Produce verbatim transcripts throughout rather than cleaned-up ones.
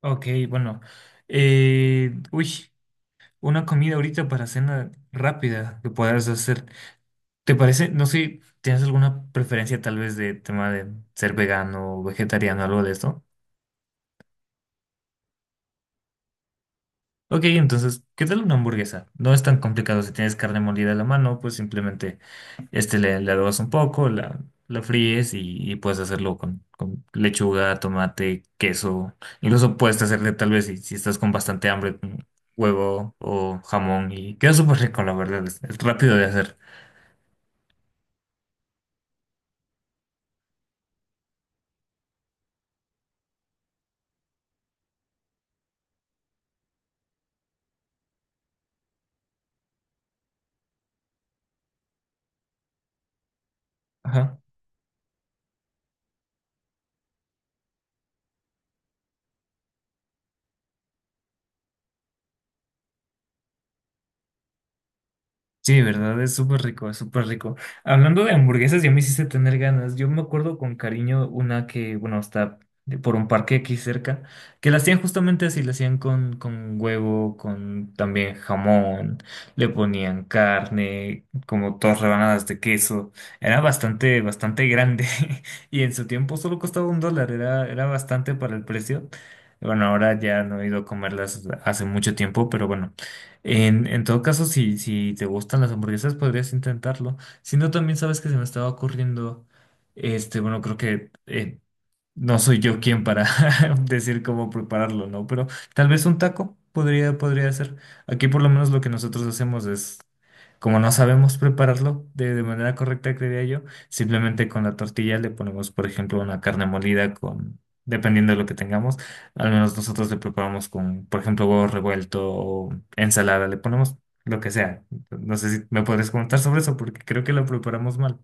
Ok, bueno. Eh, uy, una comida ahorita para cena rápida que puedas hacer. ¿Te parece? No sé, ¿tienes alguna preferencia tal vez de tema de ser vegano o vegetariano, algo de esto? Ok, entonces, ¿qué tal una hamburguesa? No es tan complicado. Si tienes carne molida a la mano, pues simplemente Este le, le adobas un poco, la, la fríes y, y puedes hacerlo con, con lechuga, tomate, queso. Incluso puedes hacerle tal vez si, si estás con bastante hambre, un huevo o jamón y queda súper rico, la verdad. Es, es rápido de hacer. Ajá. Sí, de verdad, es súper rico, es súper rico. Hablando de hamburguesas, ya me hiciste tener ganas. Yo me acuerdo con cariño una que, bueno, está de- por un parque aquí cerca, que la hacían justamente así, la hacían con, con huevo, con también jamón, le ponían carne, como dos rebanadas de queso. Era bastante, bastante grande y en su tiempo solo costaba un dólar, era, era bastante para el precio. Bueno, ahora ya no he ido a comerlas hace mucho tiempo, pero bueno. En, en todo caso, si, si te gustan las hamburguesas, podrías intentarlo. Si no, también sabes que se me estaba ocurriendo, este, bueno, creo que eh, no soy yo quien para decir cómo prepararlo, ¿no? Pero tal vez un taco podría, podría ser. Aquí por lo menos lo que nosotros hacemos es, como no sabemos prepararlo de, de manera correcta, creería yo, simplemente con la tortilla le ponemos, por ejemplo, una carne molida con, dependiendo de lo que tengamos, al menos nosotros le preparamos con, por ejemplo, huevo revuelto o ensalada, le ponemos lo que sea. No sé si me podrías comentar sobre eso porque creo que lo preparamos mal.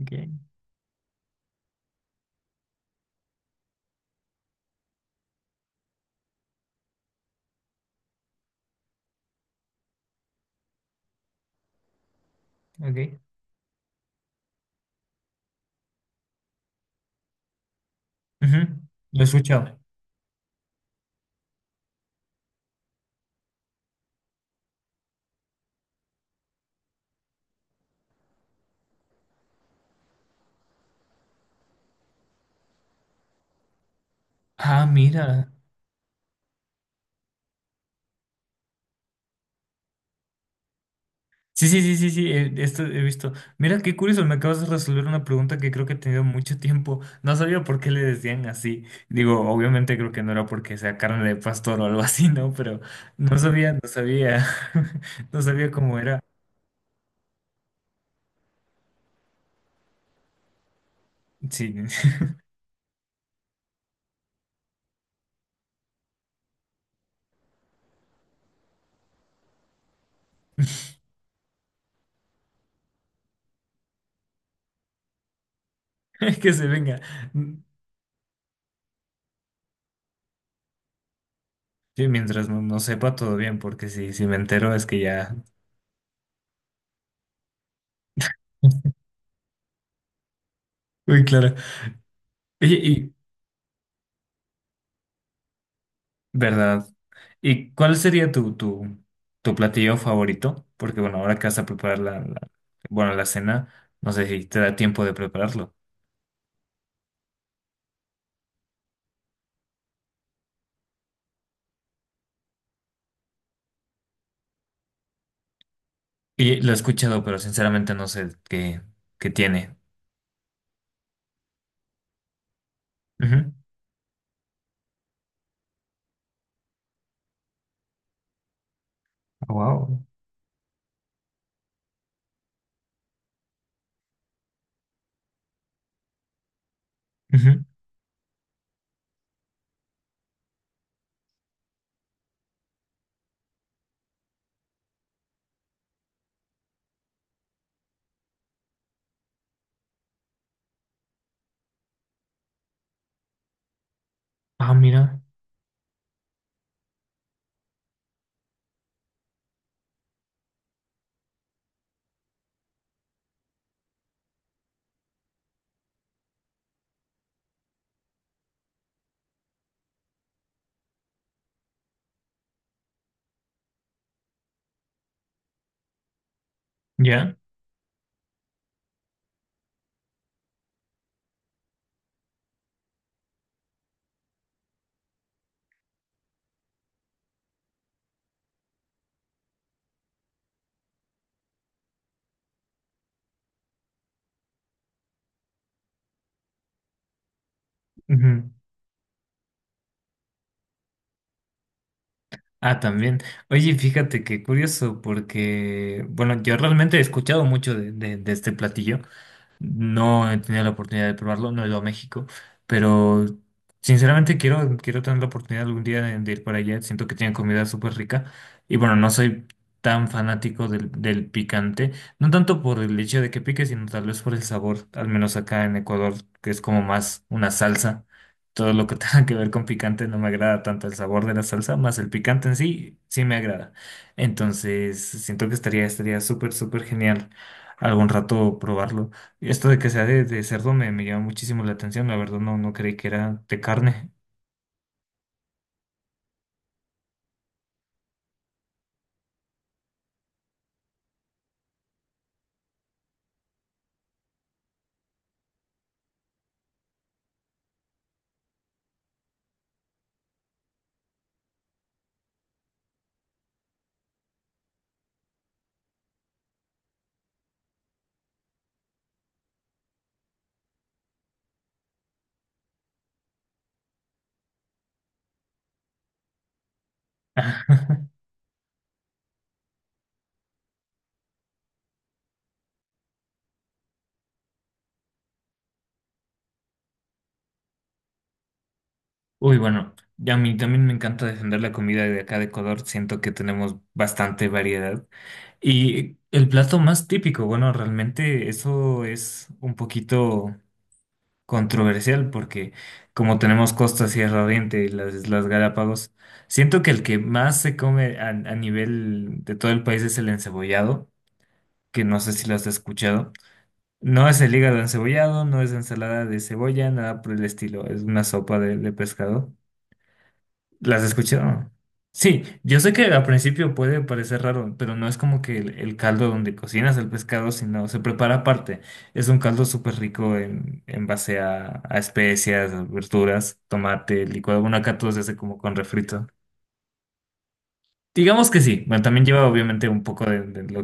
Ok, ok. Ujú. Lo he escuchado. Ah, mira. Sí, sí, sí, sí, sí, eh, esto he visto. Mira, qué curioso, me acabas de resolver una pregunta que creo que he tenido mucho tiempo. No sabía por qué le decían así. Digo, obviamente creo que no era porque sea carne de pastor o algo así, ¿no? Pero no sabía, no sabía, no sabía cómo era. Sí, que se venga. Sí, mientras no, no sepa todo bien, porque si, si me entero es que ya... Uy, claro. Oye, ¿verdad? ¿Y cuál sería tu, tu, tu platillo favorito? Porque bueno, ahora que vas a preparar la, la- bueno, la cena, no sé si te da tiempo de prepararlo. Y lo he escuchado, pero sinceramente no sé qué, qué tiene. Wow. Ah, mira. ¿Ya? Ujú. Ah, también. Oye, fíjate qué curioso, porque bueno, yo realmente he escuchado mucho de, de de este platillo. No he tenido la oportunidad de probarlo, no he ido a México, pero sinceramente quiero, quiero tener la oportunidad algún día de, de ir para allá. Siento que tienen comida súper rica y bueno, no soy tan fanático del, del picante, no tanto por el hecho de que pique, sino tal vez por el sabor, al menos acá en Ecuador, que es como más una salsa. Todo lo que tenga que ver con picante no me agrada tanto el sabor de la salsa, más el picante en sí, sí me agrada. Entonces, siento que estaría, estaría súper, súper genial algún rato probarlo. Esto de que sea de, de cerdo me, me llama muchísimo la atención, la verdad no, no creí que era de carne. Uy, bueno, y a mí también me encanta defender la comida de acá de Ecuador, siento que tenemos bastante variedad. Y el plato más típico, bueno, realmente eso es un poquito controversial porque como tenemos Costa, Sierra Oriente y las Islas Galápagos, siento que el que más se come a, a nivel de todo el país es el encebollado, que no sé si lo has escuchado. No es el hígado encebollado, no es ensalada de cebolla, nada por el estilo. Es una sopa de, de pescado. ¿Las has escuchado? Sí, yo sé que al principio puede parecer raro, pero no es como que el, el caldo donde cocinas el pescado, sino se prepara aparte. Es un caldo súper rico en, en base a, a especias, a verduras, tomate, licuado. Bueno, acá todo se hace como con refrito. Digamos que sí. Bueno, también lleva obviamente un poco de- de lo-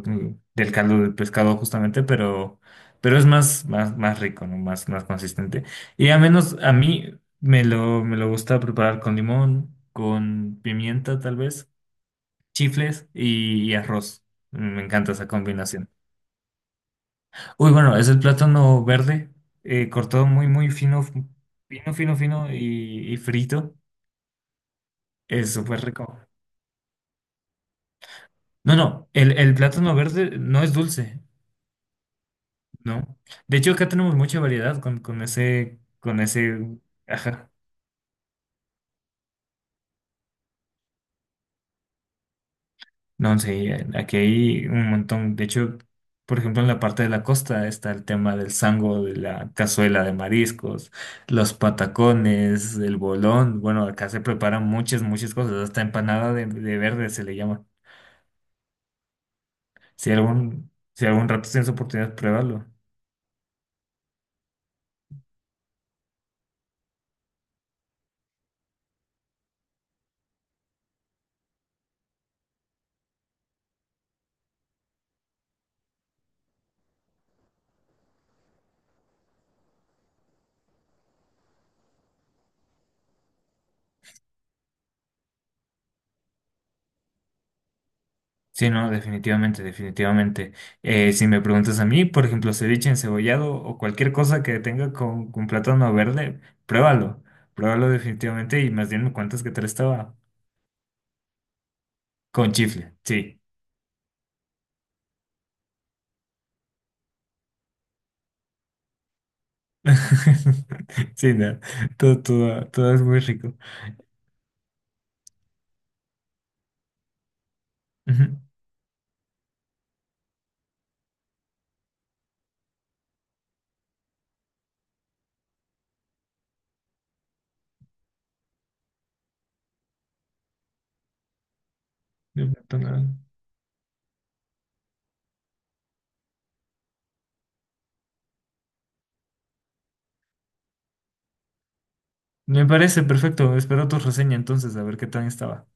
del caldo del pescado justamente, pero, pero es más, más, más rico, ¿no? Más, más consistente. Y al menos a mí me lo, me lo gusta preparar con limón, con pimienta tal vez, chifles y, y arroz. Me encanta esa combinación. Uy, bueno, es el plátano verde, eh, cortado muy, muy fino, fino, fino, fino y, y frito. Es súper rico. No, no, el, el plátano verde no es dulce. No. De hecho, acá tenemos mucha variedad con, con ese, con ese, ajá. No sé, aquí hay un montón. De hecho, por ejemplo, en la parte de la costa está el tema del sango, de la cazuela de mariscos, los patacones, el bolón. Bueno, acá se preparan muchas, muchas cosas. Hasta empanada de, de verde se le llama. Si algún, si algún rato tienes oportunidad, pruébalo. Sí, no, definitivamente, definitivamente. Eh, si me preguntas a mí, por ejemplo, ceviche encebollado o cualquier cosa que tenga con, con plátano verde, pruébalo, pruébalo definitivamente y más bien me cuentas que tal estaba con chifle, sí. Sí, no, todo, todo, todo es muy rico. Ujú. Me parece perfecto, espero tu reseña entonces, a ver qué tal estaba.